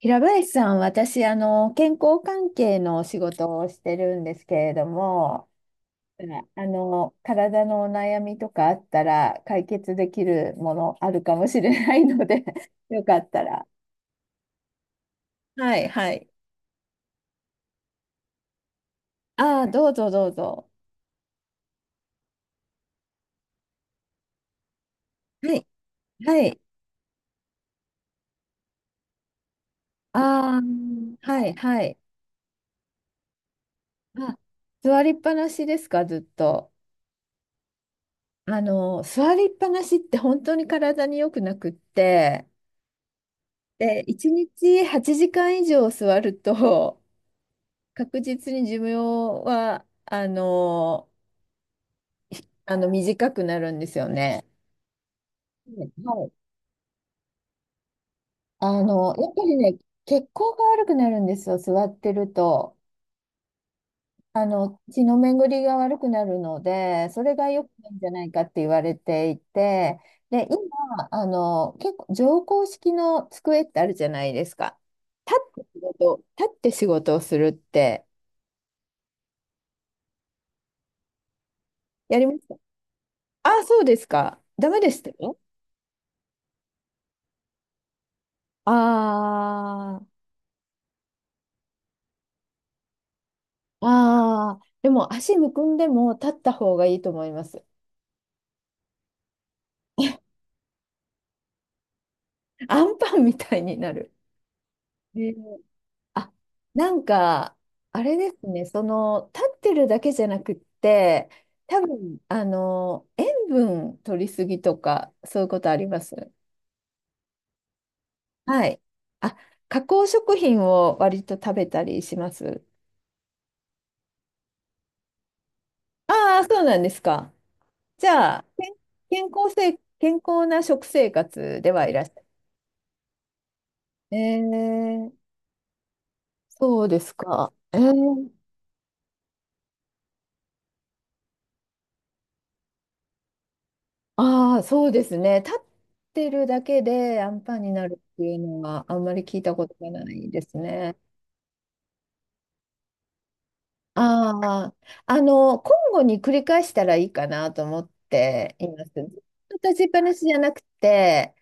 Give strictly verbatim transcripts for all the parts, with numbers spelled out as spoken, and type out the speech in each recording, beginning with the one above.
平林さん、私、あの、健康関係のお仕事をしてるんですけれども、うんあの、体のお悩みとかあったら解決できるものあるかもしれないので、 よかったら。はい、はい。ああ、どうぞどうぞ。はい、はい。ああ、はい、はい。あ、座りっぱなしですか、ずっと。あの、座りっぱなしって本当に体に良くなくって、で、いちにちはちじかん以上座ると、確実に寿命は、あの、あの短くなるんですよね。うん、はい。あの、やっぱりね、血行が悪くなるんですよ、座ってると。あの、血の巡りが悪くなるので、それが良くないんじゃないかって言われていて、で、今、あの、結構、乗降式の机ってあるじゃないですか。立って仕事、立って仕事をするって、やりました。ああ、そうですか。ダメでしたよ。あああ、でも足むくんでも立った方がいいと思います。アンパンみたいになる。ね。あ、なんか、あれですね、その、立ってるだけじゃなくって、多分、あの、塩分取りすぎとか、そういうことあります。はい。あ、加工食品を割と食べたりします。ああ、そうなんですか。じゃあ、健健康せい、健康な食生活ではいらっしゃる。えーそうですか。えー、ああ、そうですね。立ってるだけでアンパンになるっていうのはあんまり聞いたことがないですね。ああ、あの、交互に繰り返したらいいかなと思っています。ずっと立ちっぱなしじゃなくて、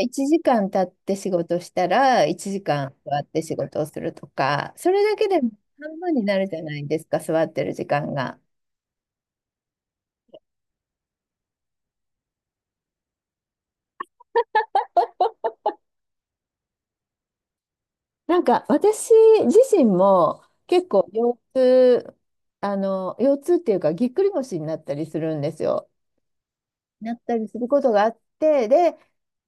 いちじかん経って仕事したらいちじかん座って仕事をするとか、それだけでも半分になるじゃないですか、座ってる時間が。なんか私自身も結構腰痛、あの腰痛っていうかぎっくり腰になったりするんですよ。なったりすることがあって、で、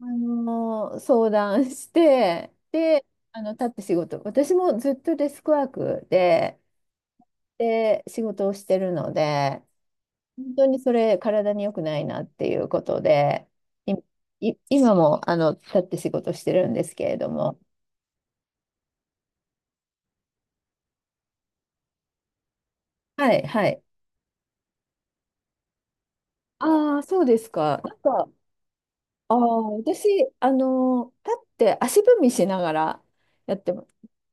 あの相談して、で、あの立って仕事、私もずっとデスクワークで、で、仕事をしてるので、本当にそれ体に良くないなっていうことで、い、い今もあの立って仕事してるんですけれども。はい、はい。ああ、そうですか。なんかああ、私、あの立って足踏みしながらやってます。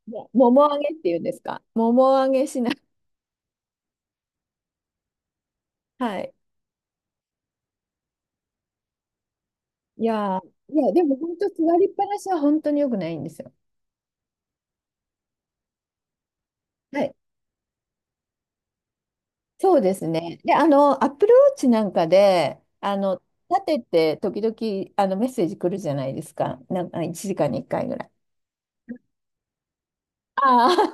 ももも上げっていうんですか。もも上げしな、はい。いやー、いや、でも本当、座りっぱなしは本当に良くないんですよ。はい。そうですね。で、あの、アップルウォッチなんかで、あの、立てて、時々、あの、メッセージ来るじゃないですか。なんか、いちじかんにいっかいぐらい。ああ、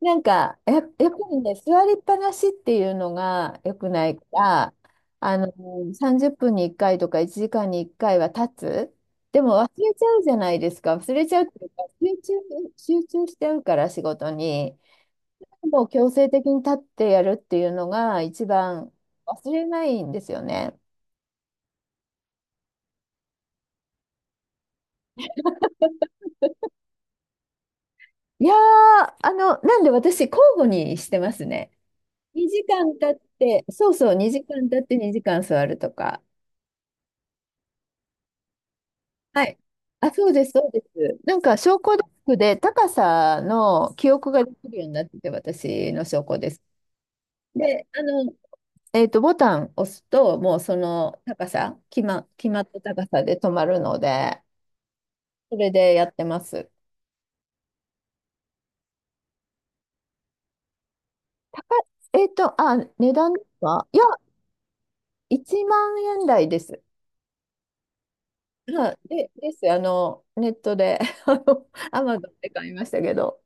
なんか、や、やっぱりね、座りっぱなしっていうのが良くないから、あの、さんじゅっぷんにいっかいとかいちじかんにいっかいは立つ。でも忘れちゃうじゃないですか。忘れちゃうっていうか、集中、集中しちゃうから仕事に。もう強制的に立ってやるっていうのが一番忘れないんですよね。いやー、あの、なんで私交互にしてますね。2時間経って、そうそう、にじかん経ってにじかん座るとか。はい。あ、そうです、そうです。なんか、昇降デスクで高さの記憶ができるようになってて、私の昇降デスク。で、あの、えっと、ボタン押すと、もうその高さ、決ま、決まった高さで止まるので、それでやってます。高い、えっと、あ、値段ですか？いや、いちまん円台です。はい、で、です。あの、ネットで、あの、アマゾンで買いましたけど。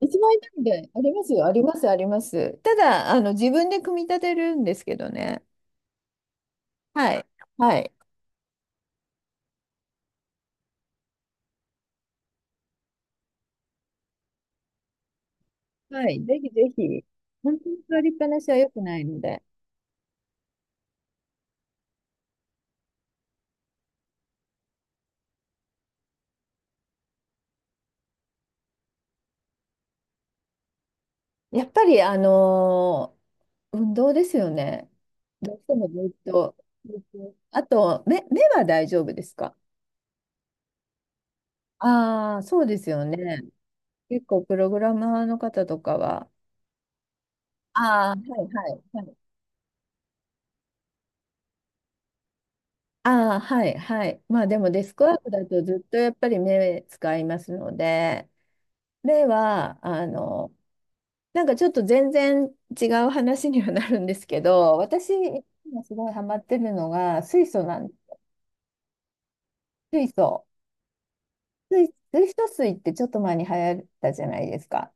一枚なんで、ありますよ、あります、あります。ただ、あの、自分で組み立てるんですけどね。はい。はい。はい。ぜひぜひ。本当に座りっぱなしは良くないので。やっぱり、あのー運動ですよね。どうしてもずっと。ずっとあと、目、目は大丈夫ですか？ああー、そうですよね。結構、プログラマーの方とかは。ああ、はい、はい。ああ、はい、はい。まあでもデスクワークだとずっとやっぱり目使いますので、目は、あの、なんかちょっと全然違う話にはなるんですけど、私今すごいハマってるのが水素なん、水素。水、水素水ってちょっと前に流行ったじゃないですか。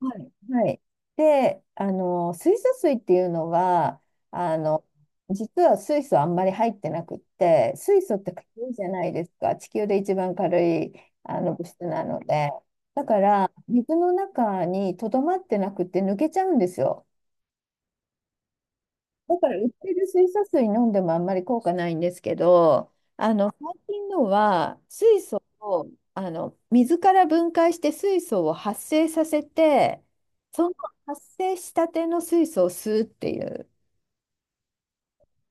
はい。はい。で、あの、水素水っていうのは、あの、実は水素あんまり入ってなくって、水素って軽いじゃないですか。地球で一番軽いあの物質なので。だから、水の中にとどまってなくて抜けちゃうんですよ。だから売ってる水素水飲んでもあんまり効果ないんですけど、あの最近のは水素をあの水から分解して水素を発生させて、その発生したての水素を吸うっていう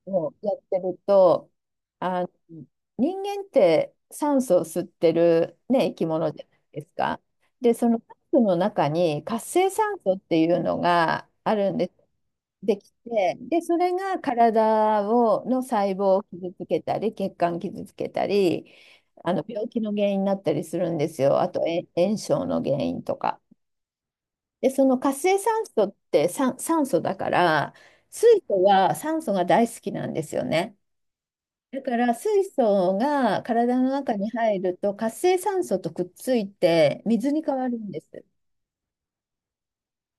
をやってると、あの、人間って酸素を吸ってる、ね、生き物じゃないですか。で、その酸素の中に活性酸素っていうのがあるんです。できて、で、それが体を、の細胞を傷つけたり、血管傷つけたり、あの病気の原因になったりするんですよ。あと、え炎症の原因とか。で、その活性酸素って酸、酸素だから、水素は酸素が大好きなんですよね。だから水素が体の中に入ると活性酸素とくっついて水に変わるんです。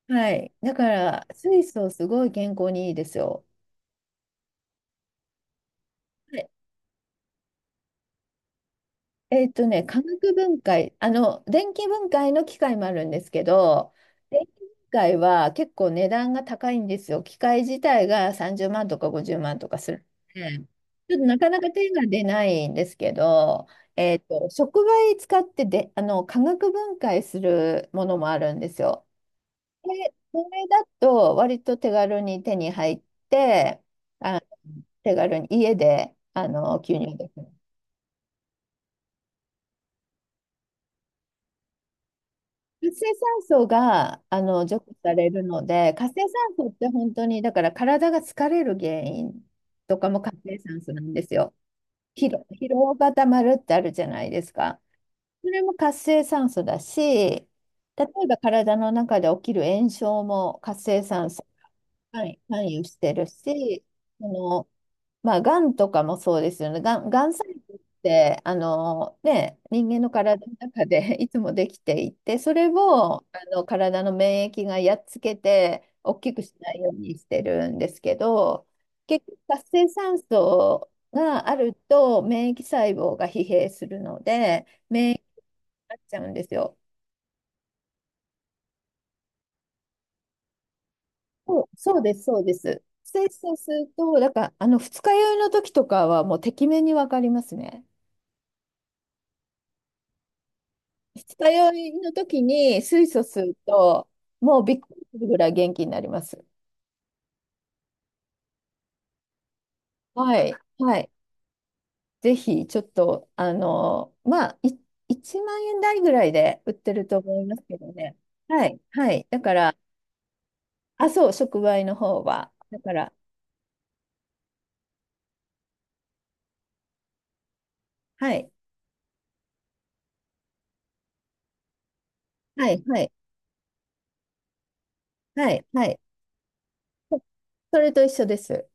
はい。だから水素すごい健康にいいですよ。えっとね、化学分解、あの、電気分解の機械もあるんですけど、電気分解は結構値段が高いんですよ。機械自体がさんじゅうまんとかごじゅうまんとかするので、ちょっとなかなか手が出ないんですけど、えっと、触媒使ってで、あの、化学分解するものもあるんですよ。で、それだと割と手軽に手に入って、あの手軽に家であの吸入できる。活性酸素があの除去されるので、活性酸素って本当に、だから体が疲れる原因とかも活性酸素なんですよ。疲労、疲労がたまるってあるじゃないですか。それも活性酸素だし、例えば体の中で起きる炎症も活性酸素が関関与してるし、そのまあ、がんとかもそうですよね。がん、がん細胞って、あの、ね、人間の体の中で いつもできていて、それを、あの、体の免疫がやっつけて、大きくしないようにしてるんですけど、結局、活性酸素があると、免疫細胞が疲弊するので、免疫になっちゃうんですよ。そう、そうです、そうです。活性酸素すると、だから、あの、二日酔いの時とかは、もう、てきめんにわかりますね。二日酔いの時に水素吸うと、もうびっくりするぐらい元気になります。はい。はい。ぜひ、ちょっと、あの、まあ、い、いちまん円台ぐらいで売ってると思いますけどね。はい。はい。だから、あ、そう、触媒の方は。だから、はい。はい。はい。はい。はい。そそれと一緒です。